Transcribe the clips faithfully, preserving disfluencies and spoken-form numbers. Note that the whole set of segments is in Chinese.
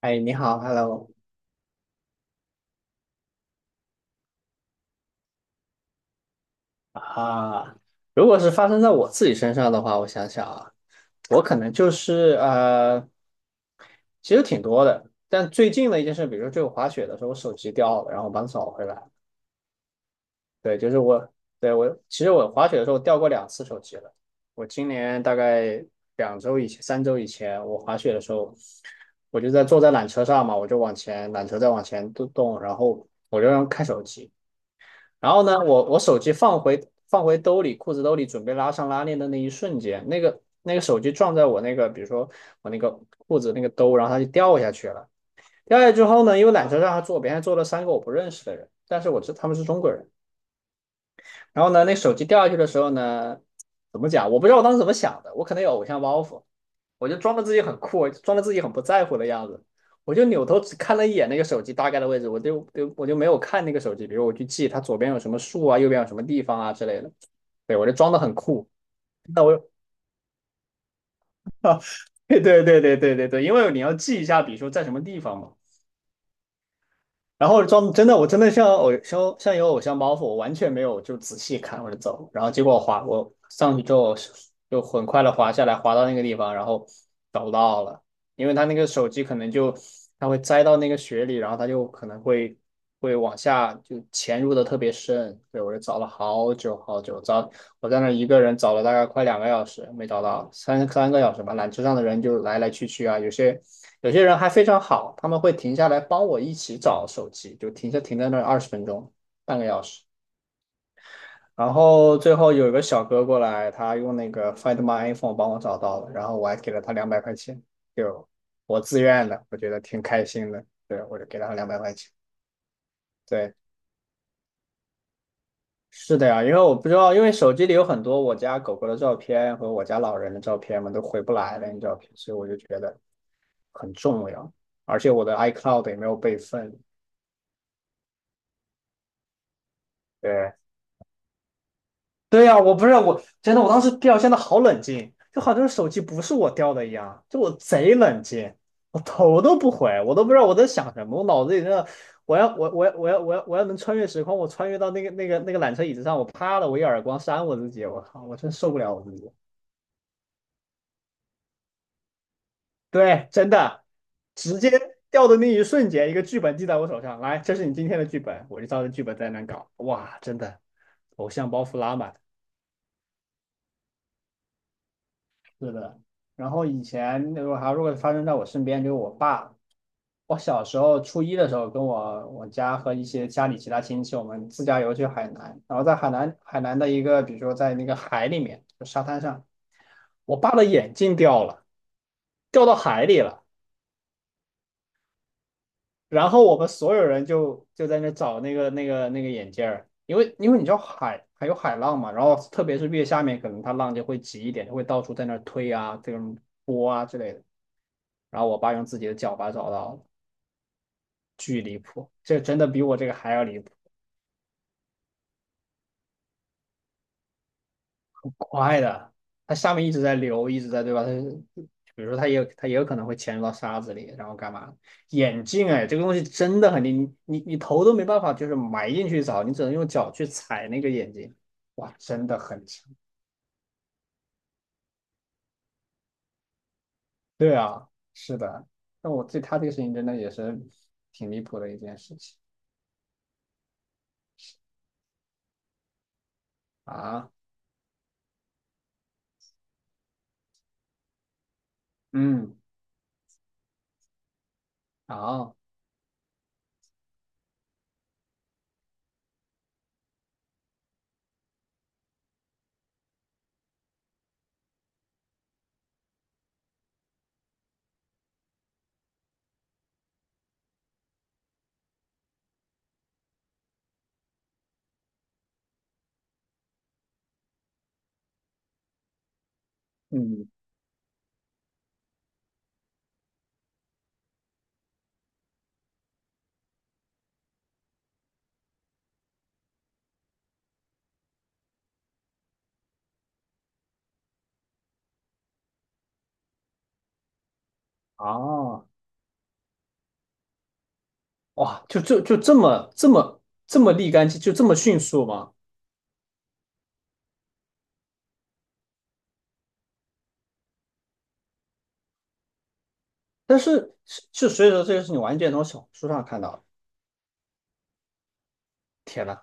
哎，你好，Hello 啊。如果是发生在我自己身上的话，我想想啊，我可能就是呃，其实挺多的。但最近的一件事，比如说就滑雪的时候，我手机掉了，然后我把它找回来。对，就是我，对，我，其实我滑雪的时候掉过两次手机了。我今年大概两周以前、三周以前，我滑雪的时候，我就在坐在缆车上嘛，我就往前，缆车在往前动动，然后我就让开手机。然后呢，我我手机放回放回兜里，裤子兜里，准备拉上拉链的那一瞬间，那个那个手机撞在我那个，比如说我那个裤子那个兜，然后它就掉下去了。掉下去之后呢，因为缆车上还坐别人，还坐了三个我不认识的人，但是我知他们是中国人。然后呢，那手机掉下去的时候呢，怎么讲？我不知道我当时怎么想的，我可能有偶像包袱，我就装的自己很酷，装的自己很不在乎的样子，我就扭头只看了一眼那个手机大概的位置，我就就我就没有看那个手机，比如我去记它左边有什么树啊，右边有什么地方啊之类的，对，我就装的很酷。那我啊，对对对对对对对，因为你要记一下，比如说在什么地方嘛。然后装真的，我真的像偶像像有偶像包袱，我完全没有就仔细看我就走，然后结果我滑我上去之后就很快的滑下来，滑到那个地方，然后找不到了，因为他那个手机可能就它会栽到那个雪里，然后它就可能会会往下就潜入的特别深，对我就找了好久好久，找我在那儿一个人找了大概快两个小时没找到，三三个小时吧，缆车上的人就来来去去啊，有些。有些人还非常好，他们会停下来帮我一起找手机，就停下停在那二十分钟，半个小时。然后最后有一个小哥过来，他用那个 Find My iPhone 帮我找到了，然后我还给了他两百块钱，就我自愿的，我觉得挺开心的。对，我就给了他两百块钱。对，是的呀，因为我不知道，因为手机里有很多我家狗狗的照片和我家老人的照片嘛，都回不来了那照片，所以我就觉得很重要。而且我的 iCloud 也没有备份。对，对呀，我不是我，真的，我当时掉，现的好冷静，就好像手机不是我掉的一样，就我贼冷静，我头都不回，我都不知道我在想什么，我脑子里真的，我要我我要我要我要我要能穿越时空，我穿越到那个那个那个缆车椅子上，我啪的我一耳光扇我自己，我靠，我真受不了我自己。对，真的，直接掉的那一瞬间，一个剧本递在我手上，来，这是你今天的剧本，我就照着剧本在那搞，哇，真的，偶像包袱拉满。是的，然后以前如果还如果发生在我身边，就是我爸，我小时候初一的时候，跟我我家和一些家里其他亲戚，我们自驾游去海南，然后在海南海南的一个，比如说在那个海里面，就沙滩上，我爸的眼镜掉了，掉到海里了，然后我们所有人就就在那找那个那个那个眼镜儿，因为因为你知道海还有海浪嘛，然后特别是越下面，可能它浪就会急一点，就会到处在那儿推啊，这种波啊之类的。然后我爸用自己的脚把找到了，巨离谱，这真的比我这个还要离谱，快的，它下面一直在流，一直在对吧？它比如说它也它也有可能会潜入到沙子里，然后干嘛？眼镜哎，这个东西真的很离，你你你头都没办法就是埋进去找，你只能用脚去踩那个眼镜，哇，真的很强。对啊，是的，那我对他这个事情真的也是挺离谱的一件事情。啊，嗯，好，嗯，好。哇，就就就这么这么这么立竿见，就这么迅速吗？但是是是，所以说这个是你完全从小红书上看到的。天呐，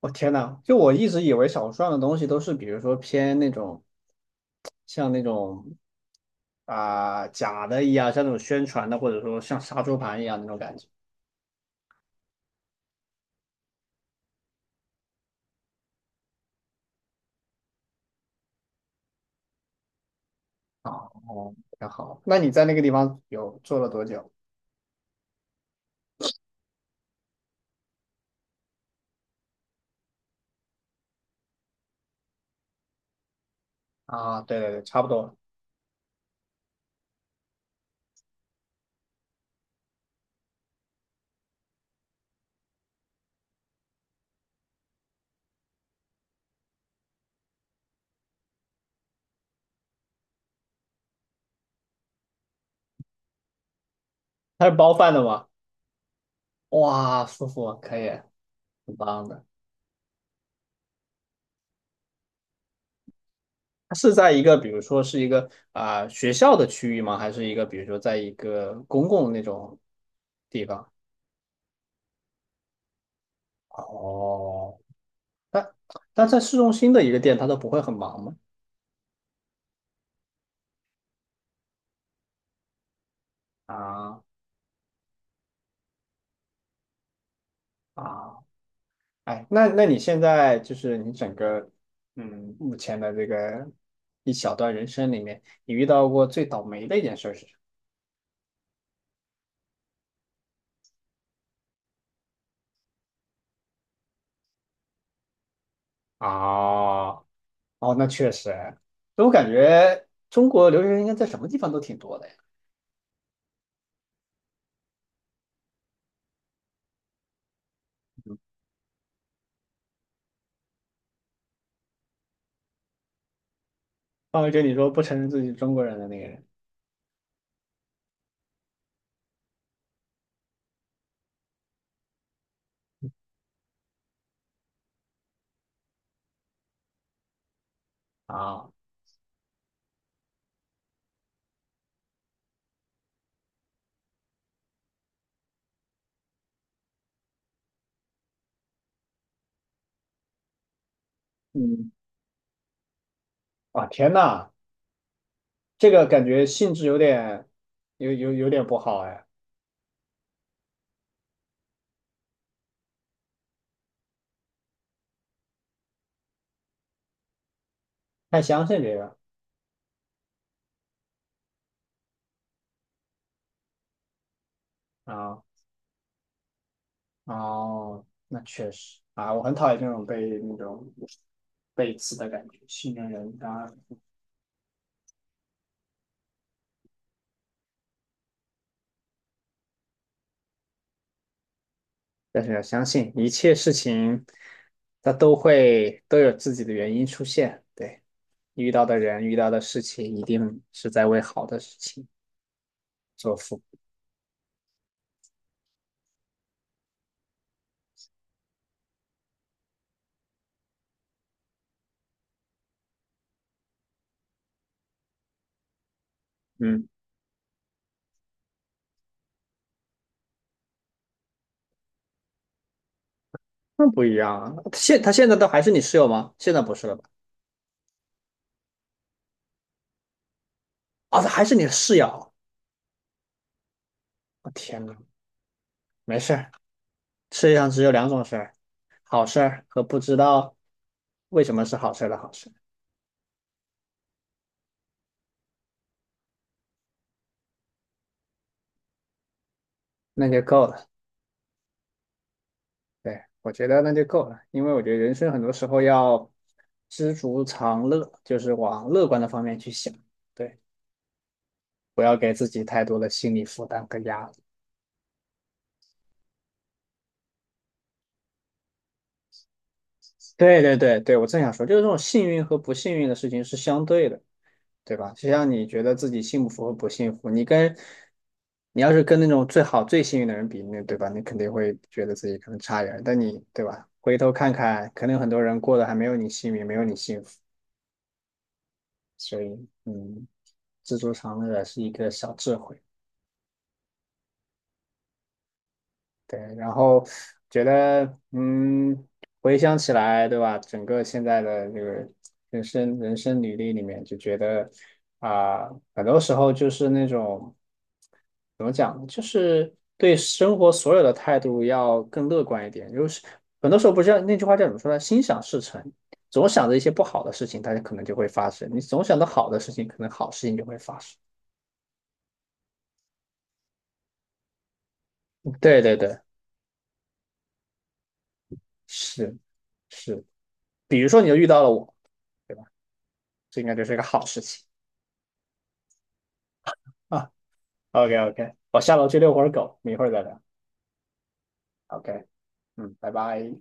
我天呐，就我一直以为小红书上的东西都是，比如说偏那种像那种啊，假的一样，像那种宣传的，或者说像杀猪盘一样那种感觉。哦，挺好。那你在那个地方有做了多久？啊，对对对，差不多它是包饭的吗？哇，舒服，可以，很棒的。它是在一个，比如说是一个啊，学校的区域吗？还是一个，比如说在一个公共那种地方？哦，但但在市中心的一个店，它都不会很忙吗？啊啊，哎，那那你现在就是你整个嗯目前的这个一小段人生里面，你遇到过最倒霉的一件事是什么？啊，哦，那确实，所以我感觉中国留学生应该在什么地方都挺多的呀。啊，就你说不承认自己是中国人的那个人。啊，嗯，啊，天呐，这个感觉性质有点，有有有点不好哎，太相信这个啊，哦，那确实啊，我很讨厌这种被那种背刺的感觉，信任人当然，但是要相信一切事情，它都会都有自己的原因出现，对，遇到的人遇到的事情一定是在为好的事情做付，嗯，那不一样啊，现他现在都还是你室友吗？现在不是了吧？哦，这还是你的室友。我，天呐，没事儿，世界上只有两种事儿，好事儿和不知道为什么是好事儿的好事，那就够了。对，我觉得那就够了，因为我觉得人生很多时候要知足常乐，就是往乐观的方面去想，对，不要给自己太多的心理负担和压力。对对对对，我正想说，就是这种幸运和不幸运的事情是相对的，对吧？就像你觉得自己幸福和不幸福，你跟你要是跟那种最好最幸运的人比，那对吧？你肯定会觉得自己可能差一点儿但你对吧？回头看看，可能有很多人过得还没有你幸运，没有你幸福，所以嗯，知足常乐是一个小智慧。对，然后觉得，嗯，回想起来，对吧？整个现在的这个人生人生履历里面，就觉得啊，很多时候就是那种怎么讲，就是对生活所有的态度要更乐观一点。就是很多时候不是那句话叫怎么说呢？心想事成，总想着一些不好的事情，它可能就会发生；你总想着好的事情，可能好事情就会发生。对对对，是是。比如说，你就遇到了我。这应该就是一个好事情啊。o k o k，我下楼去遛会儿狗，我们一会儿再聊。OK，嗯，拜拜。